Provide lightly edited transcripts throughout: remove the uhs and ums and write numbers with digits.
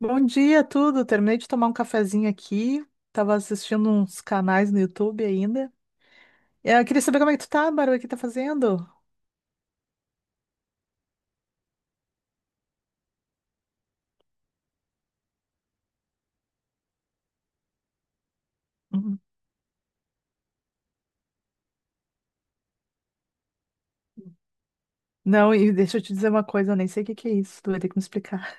Bom dia, tudo. Terminei de tomar um cafezinho aqui. Tava assistindo uns canais no YouTube ainda. Eu queria saber como é que tu tá, Bárbara, o que tá fazendo? Uhum. Não, e deixa eu te dizer uma coisa, eu nem sei o que que é isso. Tu vai ter que me explicar.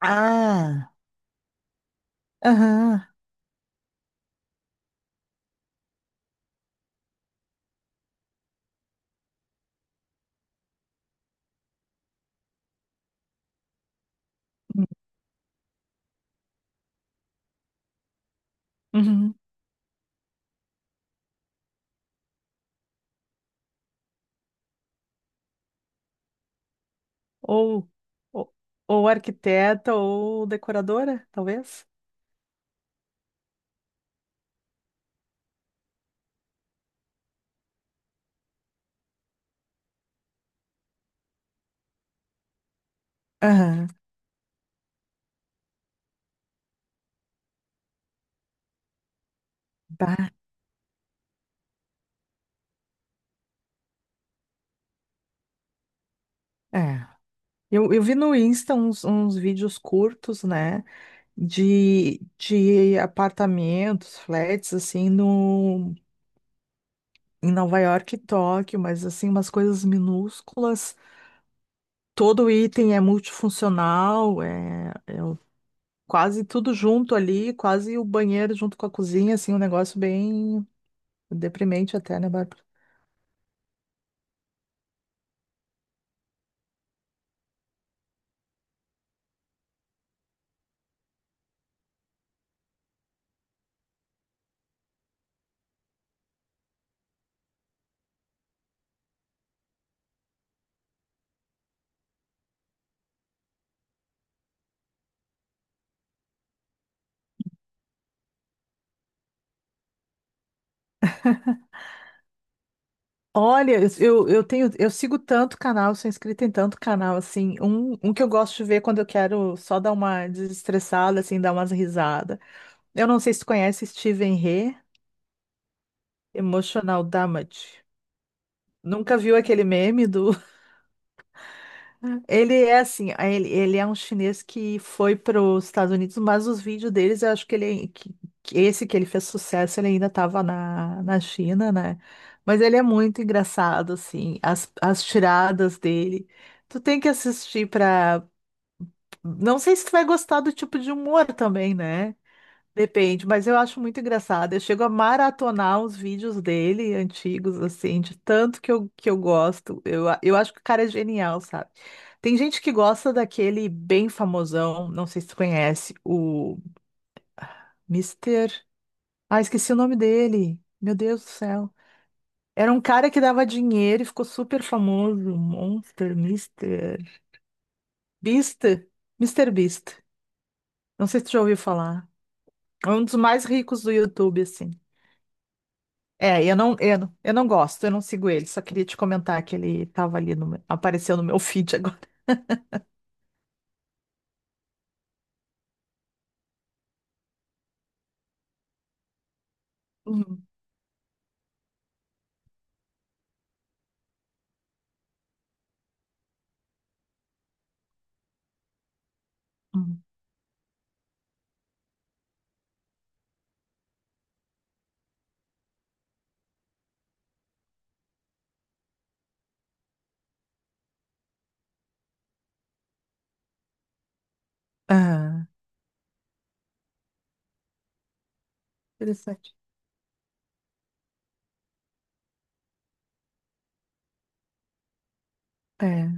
Ah. Aham. Uhum. Ou, ou, ou arquiteta ou decoradora, talvez? Aham. Bah, é. Eu vi no Insta uns vídeos curtos, né, de apartamentos, flats, assim, no, em Nova York e Tóquio, mas assim, umas coisas minúsculas. Todo item é multifuncional, quase tudo junto ali, quase o banheiro junto com a cozinha, assim, um negócio bem deprimente até, né, Bárbara? Olha, eu tenho, eu sigo tanto canal, sou inscrita em tanto canal, assim, um que eu gosto de ver quando eu quero só dar uma desestressada, assim, dar umas risadas. Eu não sei se tu conhece Steven He, Emotional Damage. Nunca viu aquele meme do, Ele é um chinês que foi para os Estados Unidos, mas os vídeos deles, eu acho que esse que ele fez sucesso, ele ainda estava na China, né? Mas ele é muito engraçado, assim, as tiradas dele. Tu tem que assistir para, não sei se tu vai gostar do tipo de humor também, né? Depende, mas eu acho muito engraçado. Eu chego a maratonar os vídeos dele, antigos, assim, de tanto que eu gosto. Eu acho que o cara é genial, sabe? Tem gente que gosta daquele bem famosão, não sei se tu conhece, o Mister. Ah, esqueci o nome dele. Meu Deus do céu. Era um cara que dava dinheiro e ficou super famoso. Monster, Mister. Beast. Mister Beast. Não sei se tu já ouviu falar. É um dos mais ricos do YouTube, assim. Eu não gosto, eu não sigo ele. Só queria te comentar que ele estava ali apareceu no meu feed agora. Uhum, uhum. Ah, interessante. É.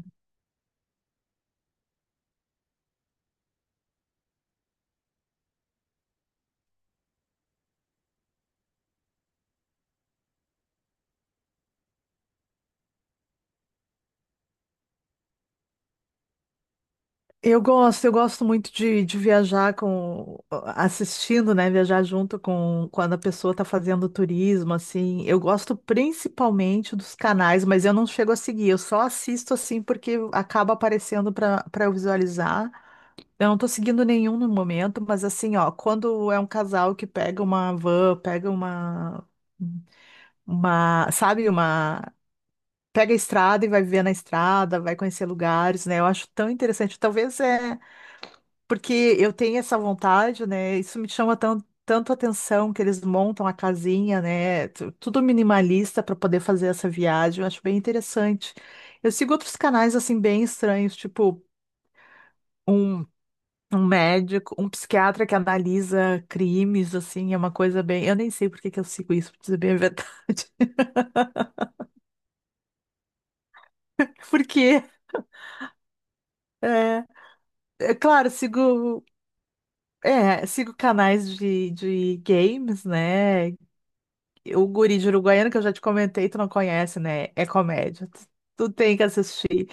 Eu gosto muito de viajar com, assistindo, né? Viajar junto com quando a pessoa está fazendo turismo, assim. Eu gosto principalmente dos canais, mas eu não chego a seguir. Eu só assisto assim porque acaba aparecendo para eu visualizar. Eu não tô seguindo nenhum no momento, mas assim, ó, quando é um casal que pega uma van, pega uma, sabe, uma, pega a estrada e vai viver na estrada, vai conhecer lugares, né? Eu acho tão interessante. Talvez é porque eu tenho essa vontade, né? Isso me chama tanto atenção que eles montam a casinha, né? Tudo minimalista para poder fazer essa viagem. Eu acho bem interessante. Eu sigo outros canais assim bem estranhos, tipo um Um médico, um psiquiatra que analisa crimes, assim, é uma coisa bem. Eu nem sei por que que eu sigo isso, pra dizer bem a verdade. Porque, é, é claro, sigo canais de games, né? O Guri de Uruguaiana, que eu já te comentei, tu não conhece, né? É comédia. Tu tem que assistir.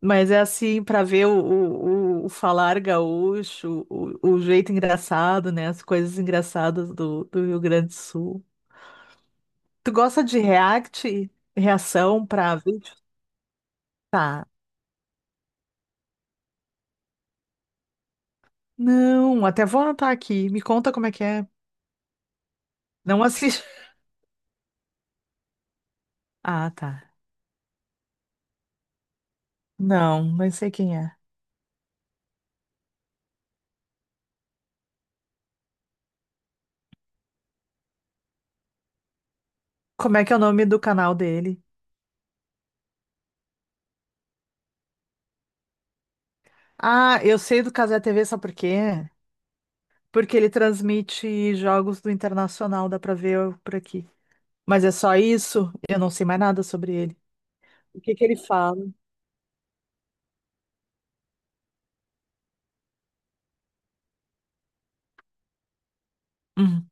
Mas é assim, pra ver o falar gaúcho, o jeito engraçado, né? As coisas engraçadas do Rio Grande do Sul. Tu gosta de React, reação pra vídeo? Tá. Não, até vou anotar aqui. Me conta como é que é. Não assisto. Ah, tá. Não, não sei quem é. Como é que é o nome do canal dele? Ah, eu sei do Cazé TV, sabe por quê? Porque ele transmite jogos do Internacional, dá pra ver por aqui. Mas é só isso? Eu não sei mais nada sobre ele. O que que ele fala? Uhum,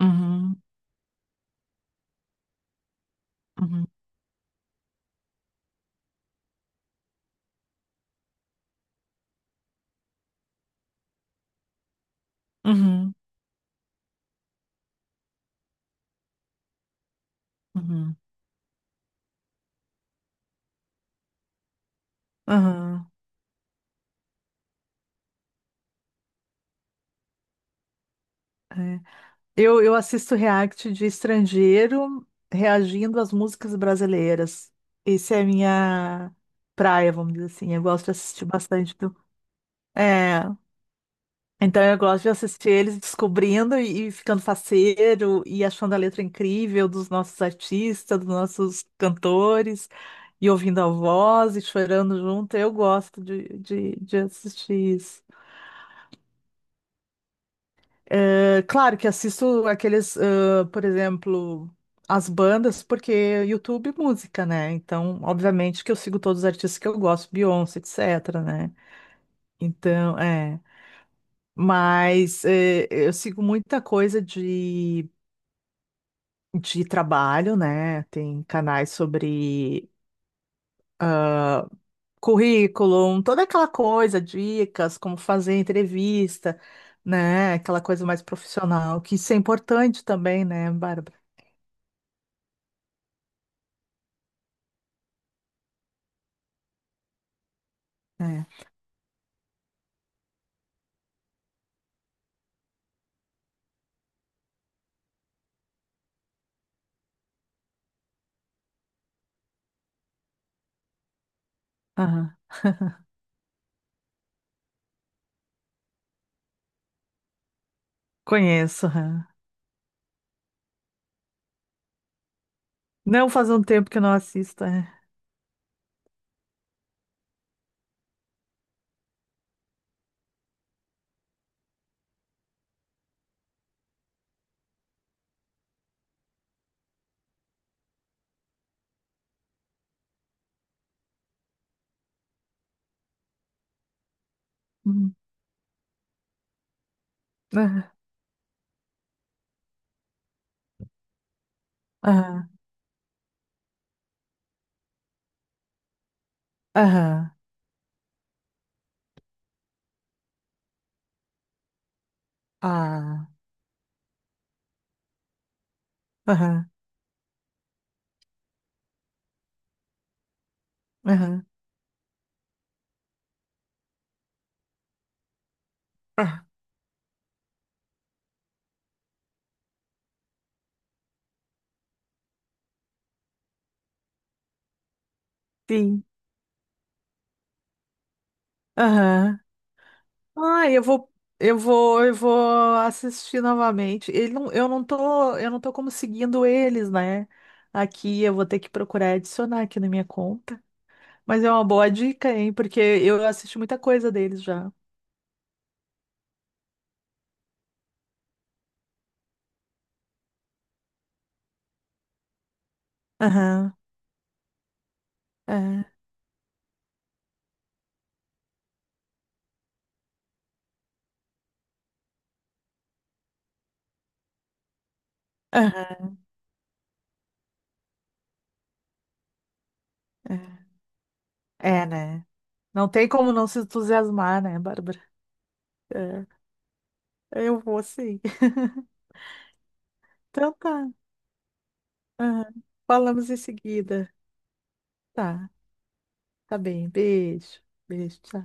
uhum, uhum, uhum, uhum, uhum, é. Eu assisto react de estrangeiro reagindo às músicas brasileiras. Essa é a minha praia, vamos dizer assim. Eu gosto de assistir bastante do... É, então eu gosto de assistir eles descobrindo e ficando faceiro e achando a letra incrível dos nossos artistas, dos nossos cantores, e ouvindo a voz e chorando junto. Eu gosto de assistir isso. Eh, claro que assisto aqueles, ah, por exemplo, as bandas, porque YouTube música, né? Então, obviamente que eu sigo todos os artistas que eu gosto, Beyoncé, etc, né? Então, é. Mas eh, eu sigo muita coisa de trabalho, né? Tem canais sobre currículo, toda aquela coisa, dicas, como fazer entrevista, né? Aquela coisa mais profissional, que isso é importante também, né, Bárbara? É. Aham. Conheço. Aham. Não faz um tempo que eu não assisto. É. Hum. Aham. Aham. Aham. Ah. Aham. Aham. Ah. Sim. Aham. Ah, eu vou assistir novamente. Ele não, eu não tô como seguindo eles, né? Aqui eu vou ter que procurar adicionar aqui na minha conta. Mas é uma boa dica, hein? Porque eu assisti muita coisa deles já. Aham. É. Aham. É, É, né? Não tem como não se entusiasmar, né, Bárbara? É, eu vou sim. Então tá. Aham. Falamos em seguida. Tá, tá bem. Beijo. Beijo, tchau.